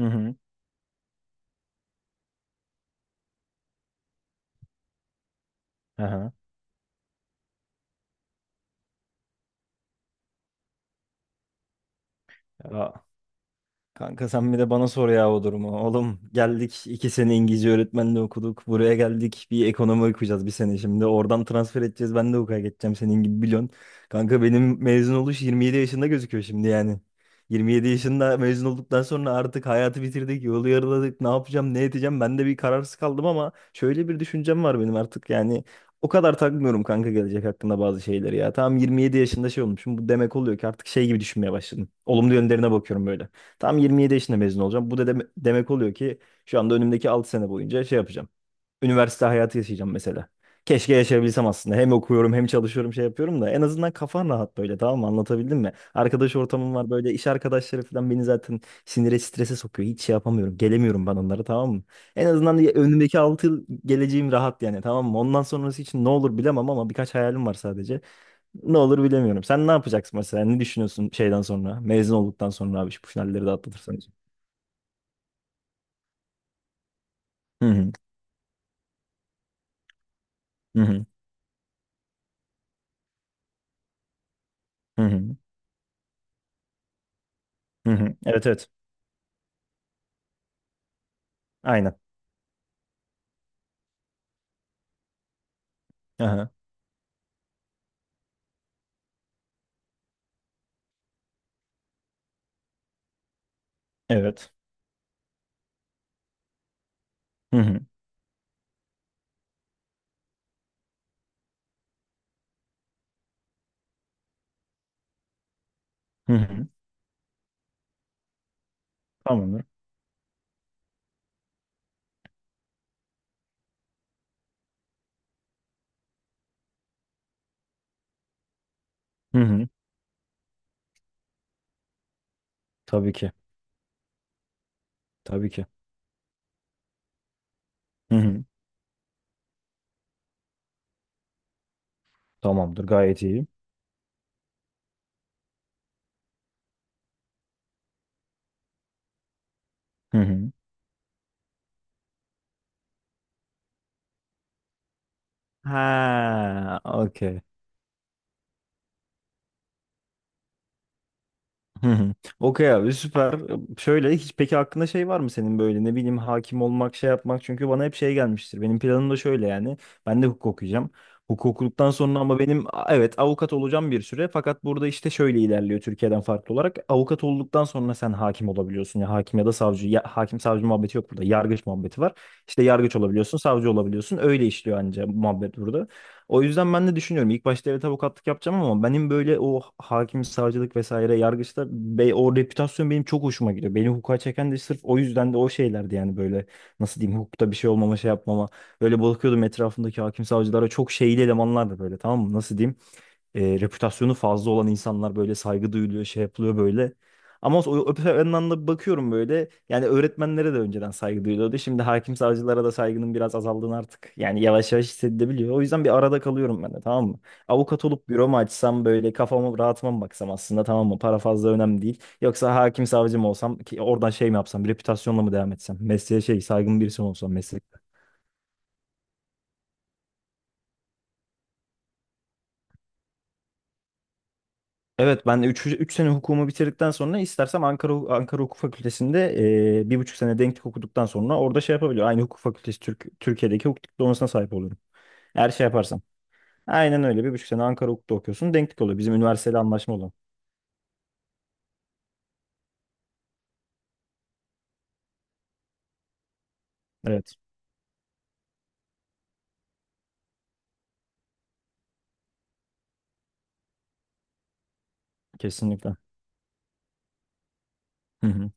Hı hı. Aha. Ya, kanka sen bir de bana sor ya o durumu. Oğlum geldik 2 sene İngilizce öğretmenliği okuduk. Buraya geldik bir ekonomi okuyacağız bir sene şimdi. Oradan transfer edeceğiz. Ben de hukuka geçeceğim senin gibi biliyorsun. Kanka benim mezun oluş 27 yaşında gözüküyor şimdi yani. 27 yaşında mezun olduktan sonra artık hayatı bitirdik, yolu yarıladık. Ne yapacağım, ne edeceğim? Ben de bir kararsız kaldım ama şöyle bir düşüncem var benim artık yani. O kadar takmıyorum kanka gelecek hakkında bazı şeyleri ya. Tamam, 27 yaşında şey olmuşum. Bu demek oluyor ki artık şey gibi düşünmeye başladım. Olumlu yönlerine bakıyorum böyle. Tam 27 yaşında mezun olacağım. Bu da demek oluyor ki şu anda önümdeki 6 sene boyunca şey yapacağım. Üniversite hayatı yaşayacağım mesela. Keşke yaşayabilsem aslında. Hem okuyorum hem çalışıyorum şey yapıyorum da en azından kafan rahat böyle, tamam mı? Anlatabildim mi? Arkadaş ortamım var böyle, iş arkadaşları falan beni zaten sinire, strese sokuyor. Hiç şey yapamıyorum. Gelemiyorum ben onlara, tamam mı? En azından önümdeki 6 yıl geleceğim rahat yani, tamam mı? Ondan sonrası için ne olur bilemem ama birkaç hayalim var sadece. Ne olur bilemiyorum. Sen ne yapacaksın mesela? Ne düşünüyorsun şeyden sonra? Mezun olduktan sonra abi şu finalleri de atlatırsan. Hı hı. Hı hı. Hı hı. Hı hı. Evet, evet. Aynen. Aha. Evet. Hı hı. Hı hı. Tamamdır. Hı hı. Tabii ki. Tabii ki. Hı hı. Tamamdır. Gayet iyi. Hı hı. Ha, okey. Hı hı. Okey abi, süper. Şöyle hiç peki hakkında şey var mı senin, böyle ne bileyim hakim olmak şey yapmak, çünkü bana hep şey gelmiştir. Benim planım da şöyle yani, ben de hukuk okuyacağım. Hukuk okuduktan sonra ama benim evet, avukat olacağım bir süre, fakat burada işte şöyle ilerliyor Türkiye'den farklı olarak. Avukat olduktan sonra sen hakim olabiliyorsun, ya hakim ya da savcı ya, hakim savcı muhabbeti yok burada, yargıç muhabbeti var. İşte yargıç olabiliyorsun, savcı olabiliyorsun, öyle işliyor anca muhabbet burada. O yüzden ben de düşünüyorum. İlk başta evet avukatlık yapacağım ama benim böyle o hakim, savcılık vesaire yargıçta be, o reputasyon benim çok hoşuma gidiyor. Beni hukuka çeken de sırf o yüzden de o şeylerdi yani, böyle nasıl diyeyim, hukukta bir şey olmama şey yapmama. Böyle bakıyordum etrafımdaki hakim savcılara, çok şeyli elemanlardı böyle, tamam mı, nasıl diyeyim, reputasyonu fazla olan insanlar, böyle saygı duyuluyor, şey yapılıyor böyle. Ama o öte yandan da bakıyorum böyle, yani öğretmenlere de önceden saygı duyuluyordu. Şimdi hakim savcılara da saygının biraz azaldığını artık yani yavaş yavaş hissedilebiliyor. O yüzden bir arada kalıyorum ben de, tamam mı? Avukat olup büromu açsam böyle kafamı rahatıma mı baksam aslında, tamam mı? Para fazla önemli değil. Yoksa hakim savcı mı olsam ki oradan şey mi yapsam, reputasyonla mı devam etsem? Mesleğe şey saygın birisi mi olsam, meslek. Evet ben 3 üç, üç sene hukumu bitirdikten sonra istersem Ankara Hukuk Fakültesi'nde 1,5 sene denklik okuduktan sonra orada şey yapabiliyorum. Aynı hukuk fakültesi Türkiye'deki hukuk diplomasına sahip oluyorum. Eğer şey yaparsam. Aynen öyle, 1,5 sene Ankara Hukuk'ta okuyorsun, denklik oluyor. Bizim üniversiteyle anlaşma olan. Evet, kesinlikle. Hı hı.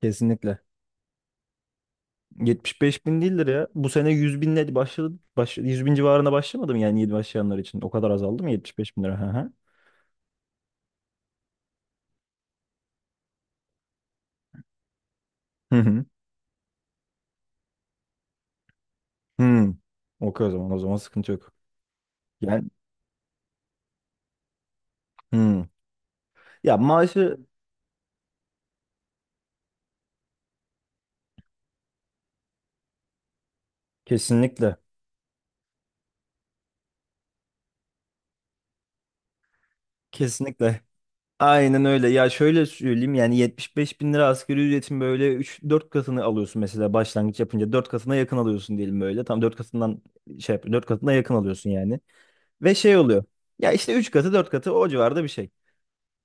Kesinlikle. 75 bin değildir ya. Bu sene 100 binle başladı. 100 bin civarına başlamadım yani, yeni başlayanlar için. O kadar azaldı mı, 75 bin lira? Hı hı. Hı hı. Hı. Okey, o zaman sıkıntı yok. Yani, hı. Ya maaşı. Kesinlikle. Kesinlikle. Aynen öyle. Ya şöyle söyleyeyim yani, 75 bin lira asgari ücretin böyle üç dört katını alıyorsun mesela, başlangıç yapınca 4 katına yakın alıyorsun diyelim böyle. Tam dört katından şey yap, 4 katına yakın alıyorsun yani. Ve şey oluyor. Ya işte 3 katı 4 katı o civarda bir şey.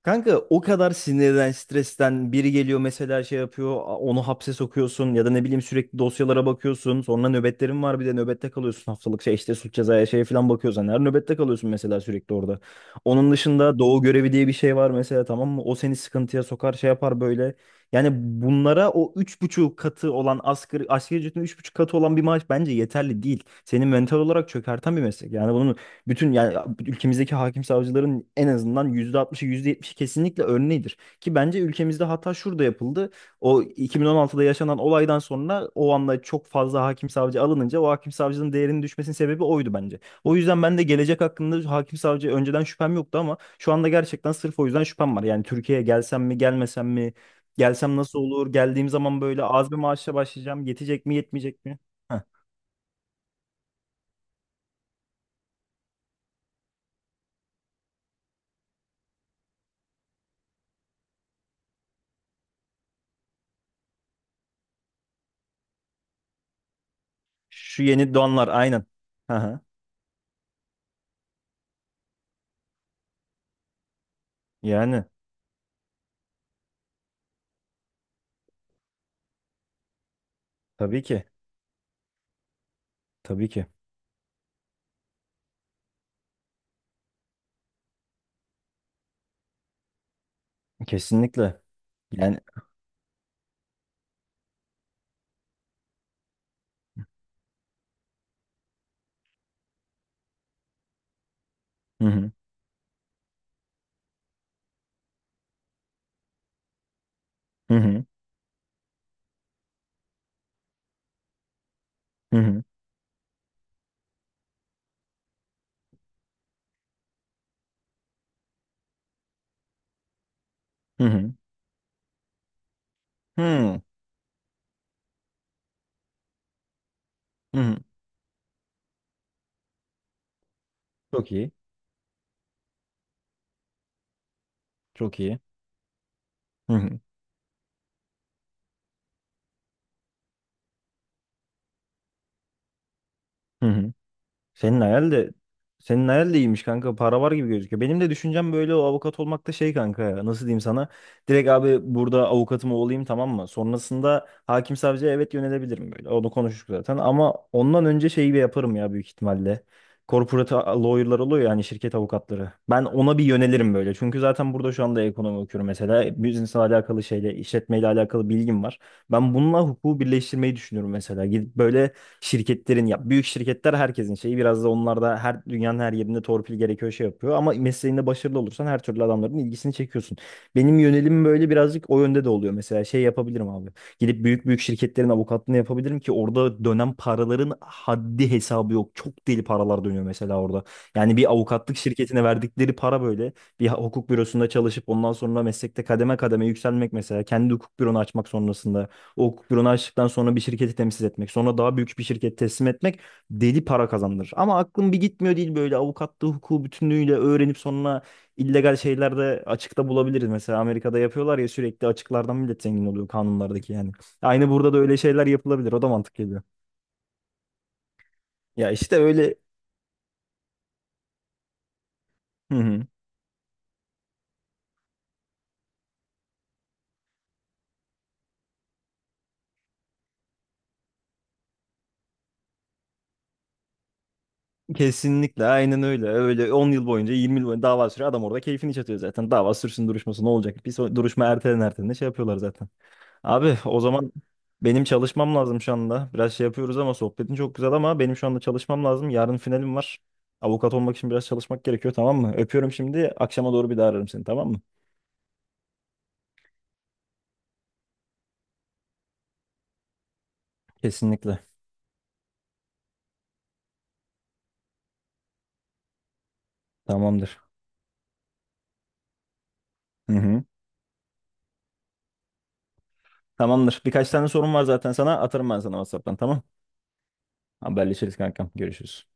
Kanka o kadar sinirden, stresten biri geliyor mesela, şey yapıyor, onu hapse sokuyorsun ya da ne bileyim sürekli dosyalara bakıyorsun. Sonra nöbetlerin var, bir de nöbette kalıyorsun haftalık, şey işte suç cezaya şey falan bakıyorsan her nöbette kalıyorsun mesela, sürekli orada. Onun dışında doğu görevi diye bir şey var mesela, tamam mı? O seni sıkıntıya sokar, şey yapar böyle. Yani bunlara o 3,5 katı olan asgari ücretin 3,5 katı olan bir maaş bence yeterli değil. Seni mental olarak çökerten bir meslek. Yani bunun bütün yani ülkemizdeki hakim savcıların en azından %60'ı, 70'i kesinlikle örneğidir. Ki bence ülkemizde hata şurada yapıldı. O 2016'da yaşanan olaydan sonra o anda çok fazla hakim savcı alınınca, o hakim savcının değerinin düşmesinin sebebi oydu bence. O yüzden ben de gelecek hakkında hakim savcı önceden şüphem yoktu ama şu anda gerçekten sırf o yüzden şüphem var. Yani Türkiye'ye gelsem mi gelmesem mi? Gelsem nasıl olur? Geldiğim zaman böyle az bir maaşla başlayacağım. Yetecek mi yetmeyecek mi? Heh. Şu yeni donlar, aynen. Hı hı. Yani. Tabii ki. Tabii ki. Kesinlikle. Yani, hı hı hı hı hı hı hı hı hı. Hı. Çok iyi. Çok iyi. Hı hı hı hı. Senin hayal de senin hayal de iyiymiş kanka. Para var gibi gözüküyor. Benim de düşüncem böyle, o avukat olmak da şey kanka ya. Nasıl diyeyim sana? Direkt abi burada avukatım olayım, tamam mı? Sonrasında hakim savcıya evet yönelebilirim böyle. Onu konuştuk zaten, ama ondan önce şeyi bir yaparım ya, büyük ihtimalle. Corporate lawyer'lar oluyor yani, şirket avukatları. Ben ona bir yönelirim böyle. Çünkü zaten burada şu anda ekonomi okuyorum mesela. Business'la alakalı şeyle, işletmeyle alakalı bilgim var. Ben bununla hukuku birleştirmeyi düşünüyorum mesela. Gidip böyle şirketlerin, ya büyük şirketler herkesin şeyi, biraz da onlar da her dünyanın her yerinde torpil gerekiyor, şey yapıyor, ama mesleğinde başarılı olursan her türlü adamların ilgisini çekiyorsun. Benim yönelim böyle birazcık o yönde de oluyor mesela, şey yapabilirim abi. Gidip büyük büyük şirketlerin avukatlığını yapabilirim ki orada dönen paraların haddi hesabı yok. Çok deli paralar dönüyor mesela orada. Yani bir avukatlık şirketine verdikleri para, böyle bir hukuk bürosunda çalışıp ondan sonra meslekte kademe kademe yükselmek, mesela kendi hukuk büronu açmak sonrasında, o fırını açtıktan sonra bir şirketi temsil etmek, sonra daha büyük bir şirket teslim etmek, deli para kazandırır. Ama aklım bir gitmiyor değil böyle, avukatlığı, hukuku bütünlüğüyle öğrenip sonra illegal şeylerde açıkta bulabiliriz. Mesela Amerika'da yapıyorlar ya, sürekli açıklardan millet zengin oluyor kanunlardaki yani. Aynı burada da öyle şeyler yapılabilir. O da mantıklı geliyor. Ya işte öyle. Hı hı. Kesinlikle, aynen öyle. Öyle 10 yıl boyunca, 20 yıl boyunca dava sürüyor. Adam orada keyfini çatıyor zaten. Dava sürsün, duruşması ne olacak? Bir duruşma ertelen ertelen şey yapıyorlar zaten. Abi o zaman benim çalışmam lazım şu anda. Biraz şey yapıyoruz ama sohbetin çok güzel, ama benim şu anda çalışmam lazım. Yarın finalim var. Avukat olmak için biraz çalışmak gerekiyor, tamam mı? Öpüyorum şimdi. Akşama doğru bir daha ararım seni, tamam mı? Kesinlikle. Tamamdır. Hı hı. Tamamdır. Birkaç tane sorum var zaten sana. Atarım ben sana WhatsApp'tan, tamam. Haberleşiriz kankam. Görüşürüz.